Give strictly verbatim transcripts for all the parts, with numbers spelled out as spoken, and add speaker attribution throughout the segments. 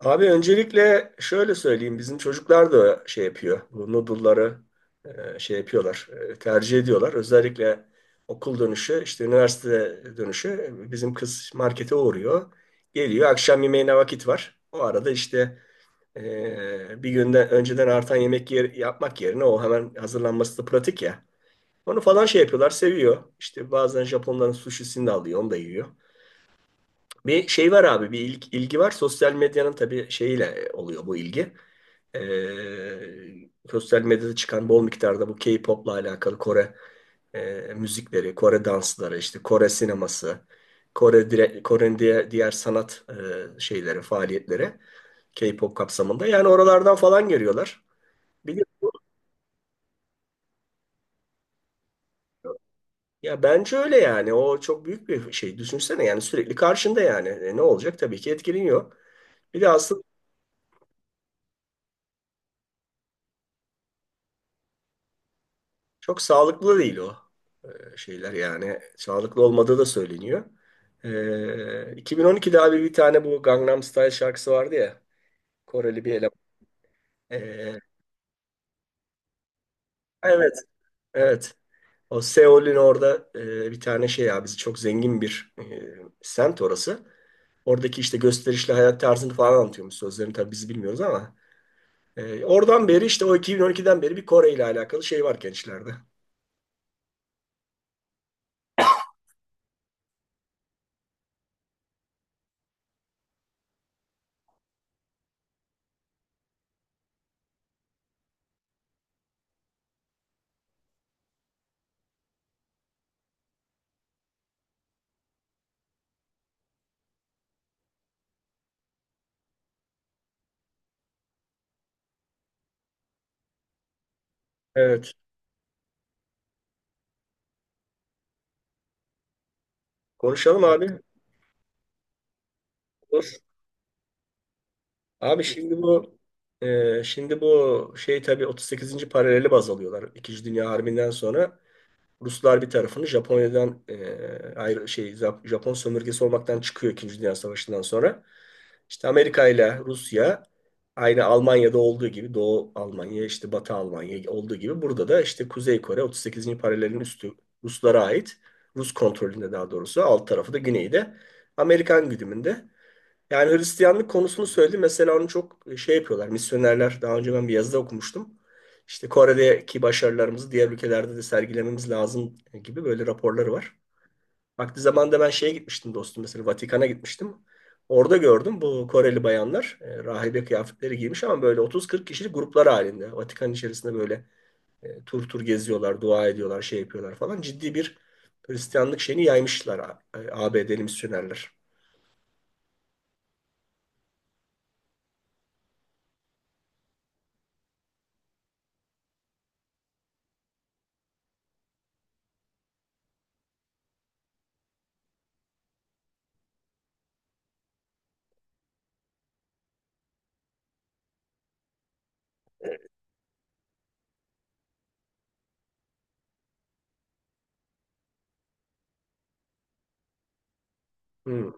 Speaker 1: Abi öncelikle şöyle söyleyeyim. Bizim çocuklar da şey yapıyor. Bu noodle'ları e, şey yapıyorlar. e, Tercih ediyorlar. Özellikle okul dönüşü, işte üniversite dönüşü bizim kız markete uğruyor. Geliyor. Akşam yemeğine vakit var. O arada işte e, bir günden önceden artan yemek yer, yapmak yerine o hemen hazırlanması da pratik ya. Onu falan şey yapıyorlar. Seviyor. İşte bazen Japonların sushisini de alıyor. Onu da yiyor. Bir şey var abi, bir ilgi, ilgi var. Sosyal medyanın tabii şeyiyle e, oluyor bu ilgi. Ee, sosyal medyada çıkan bol miktarda bu K-pop'la alakalı Kore e, müzikleri, Kore dansları, işte Kore sineması, Kore dire, Kore'nin diğer, diğer sanat e, şeyleri, faaliyetleri K-pop kapsamında. Yani oralardan falan görüyorlar. Biliyorum. Ya bence öyle yani. O çok büyük bir şey. Düşünsene yani sürekli karşında yani. E, ne olacak? Tabii ki etkileniyor. Bir de aslında çok sağlıklı değil o e, şeyler yani. Sağlıklı olmadığı da söyleniyor. E, iki bin on ikide abi bir tane bu Gangnam Style şarkısı vardı ya. Koreli bir eleman. E, evet. Evet. O Seul'ün orada e, bir tane şey ya bizi çok zengin bir e, semt orası. Oradaki işte gösterişli hayat tarzını falan anlatıyormuş. Sözlerini tabii biz bilmiyoruz ama. E, oradan beri işte o iki bin on ikiden beri bir Kore ile alakalı şey var gençlerde. Evet. Konuşalım abi. Olur. Abi şimdi bu e, şimdi bu şey tabii otuz sekizinci paraleli baz alıyorlar. İkinci Dünya Harbi'nden sonra Ruslar bir tarafını Japonya'dan e, ayrı şey Zap- Japon sömürgesi olmaktan çıkıyor İkinci Dünya Savaşı'ndan sonra. İşte Amerika ile Rusya aynı Almanya'da olduğu gibi Doğu Almanya işte Batı Almanya olduğu gibi burada da işte Kuzey Kore otuz sekizinci paralelin üstü Ruslara ait. Rus kontrolünde daha doğrusu alt tarafı da güneyde Amerikan güdümünde. Yani Hristiyanlık konusunu söyledi. Mesela onu çok e, şey yapıyorlar. Misyonerler daha önce ben bir yazıda okumuştum. İşte Kore'deki başarılarımızı diğer ülkelerde de sergilememiz lazım e, gibi böyle raporları var. Vakti zamanında ben şeye gitmiştim dostum mesela Vatikan'a gitmiştim. Orada gördüm bu Koreli bayanlar e, rahibe kıyafetleri giymiş ama böyle otuz kırk kişilik gruplar halinde. Vatikan içerisinde böyle e, tur tur geziyorlar, dua ediyorlar, şey yapıyorlar falan. Ciddi bir Hristiyanlık şeyini yaymışlar A- ABD'li misyonerler. Hmm.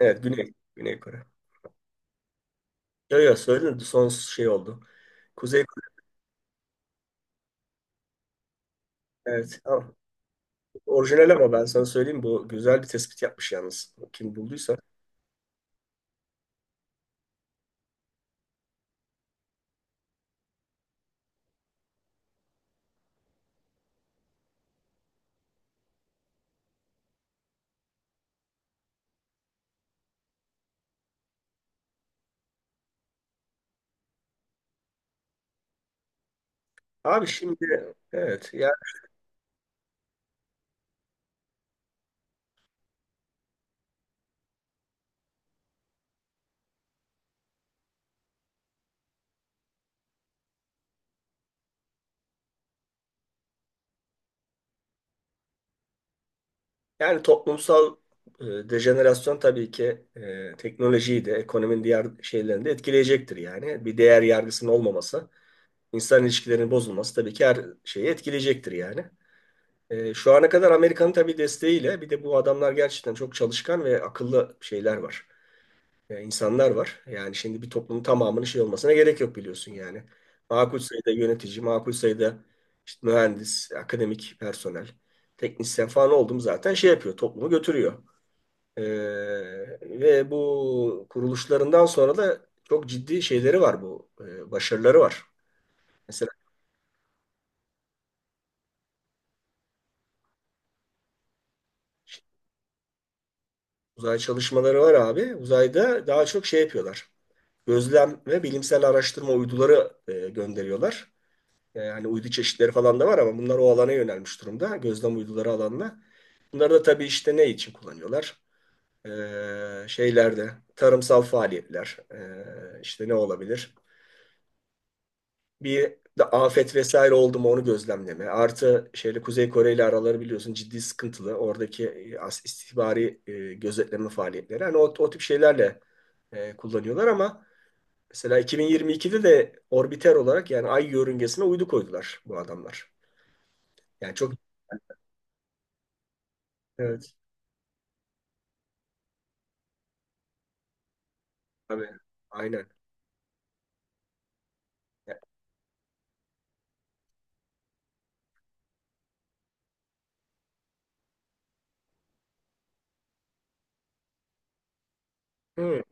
Speaker 1: Evet Güney, Güney Kore. Yok yok, söyledim son şey oldu. Kuzey evet. Ha, orijinal ama ben sana söyleyeyim bu güzel bir tespit yapmış yalnız. Kim bulduysa. Abi şimdi evet ya, yani toplumsal e, dejenerasyon tabii ki e, teknolojiyi de ekonominin diğer şeylerini de etkileyecektir yani. Bir değer yargısının olmaması, insan ilişkilerinin bozulması tabii ki her şeyi etkileyecektir yani. E, şu ana kadar Amerika'nın tabii desteğiyle bir de bu adamlar gerçekten çok çalışkan ve akıllı şeyler var. e, insanlar var. Yani şimdi bir toplumun tamamının şey olmasına gerek yok biliyorsun yani. Makul sayıda yönetici, makul sayıda işte mühendis, akademik personel, teknisyen falan oldum zaten şey yapıyor, toplumu götürüyor. E, Ve bu kuruluşlarından sonra da çok ciddi şeyleri var bu, e, başarıları var. Mesela işte uzay çalışmaları var abi. Uzayda daha çok şey yapıyorlar. Gözlem ve bilimsel araştırma uyduları e, gönderiyorlar. E, hani uydu çeşitleri falan da var ama bunlar o alana yönelmiş durumda. Gözlem uyduları alanına. Bunları da tabii işte ne için kullanıyorlar? E, şeylerde tarımsal faaliyetler e, işte ne olabilir? Bir de afet vesaire oldu mu onu gözlemleme. Artı şeyle Kuzey Kore ile araları biliyorsun ciddi sıkıntılı. Oradaki e, istihbari e, gözetleme faaliyetleri. Hani o, o tip şeylerle e, kullanıyorlar ama mesela iki bin yirmi ikide de orbiter olarak yani ay yörüngesine uydu koydular bu adamlar. Yani çok evet. Tabii. Aynen. Hı.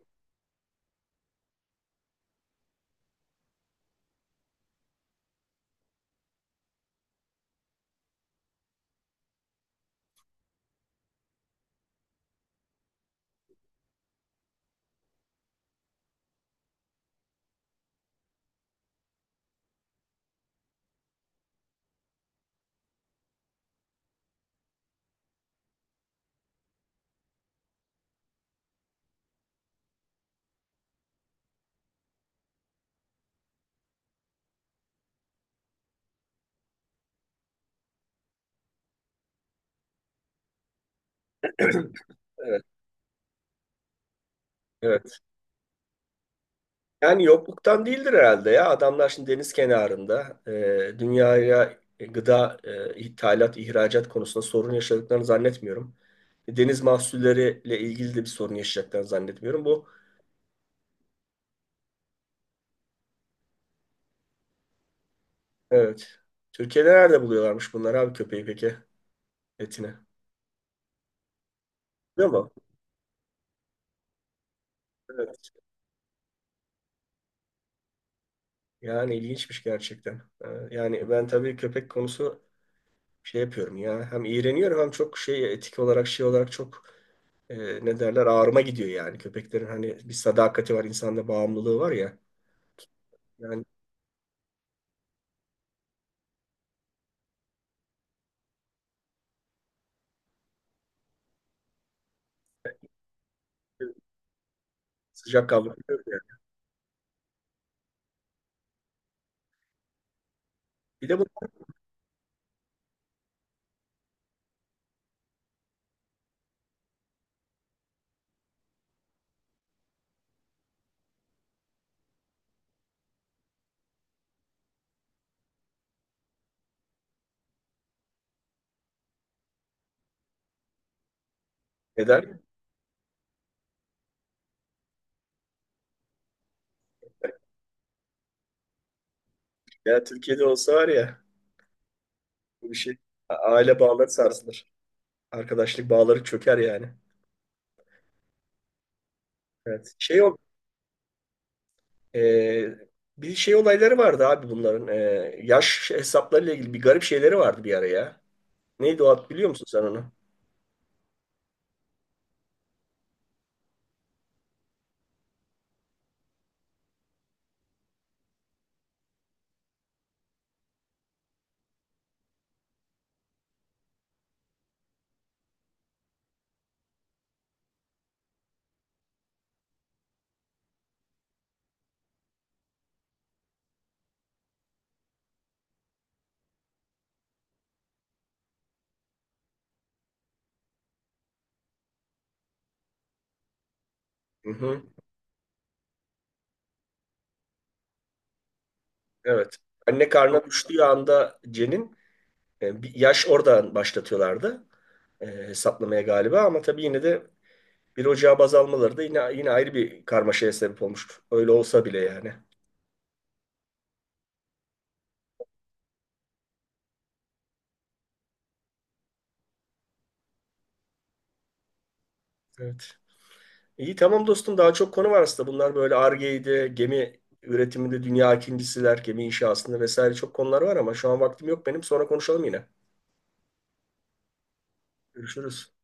Speaker 1: Evet, evet. Yani yokluktan değildir herhalde ya. Adamlar şimdi deniz kenarında e, dünyaya e, gıda e, ithalat, ihracat konusunda sorun yaşadıklarını zannetmiyorum. E, Deniz mahsulleriyle ilgili de bir sorun yaşayacaklarını zannetmiyorum. Bu evet. Türkiye'de nerede buluyorlarmış bunlar abi köpeği peki etini? Değil mi? Evet. Yani ilginçmiş gerçekten. Ee, Yani ben tabii köpek konusu şey yapıyorum ya. Hem iğreniyorum hem çok şey etik olarak şey olarak çok e, ne derler ağrıma gidiyor yani. Köpeklerin hani bir sadakati var, insanla bağımlılığı var ya. Yani sıcak kaldırıyor ya. Bir de bu eder. Ya Türkiye'de olsa var ya bu bir şey. A- Aile bağları sarsılır. Arkadaşlık bağları çöker yani. Evet. Şey o e, bir şey olayları vardı abi bunların. E, yaş hesaplarıyla ilgili bir garip şeyleri vardı bir ara ya. Neydi o ad biliyor musun sen onu? Hı hı. Evet. Anne karnına düştüğü anda Cen'in E, bir yaş oradan başlatıyorlardı e, hesaplamaya galiba ama tabii yine de bir Ocağı baz almaları da yine yine ayrı bir karmaşaya sebep olmuştu. Öyle olsa bile yani. Evet. İyi tamam dostum daha çok konu var aslında. Bunlar böyle Ar-Ge'ydi, gemi üretiminde dünya ikincisiler, gemi inşasında vesaire çok konular var ama şu an vaktim yok benim. Sonra konuşalım yine. Görüşürüz.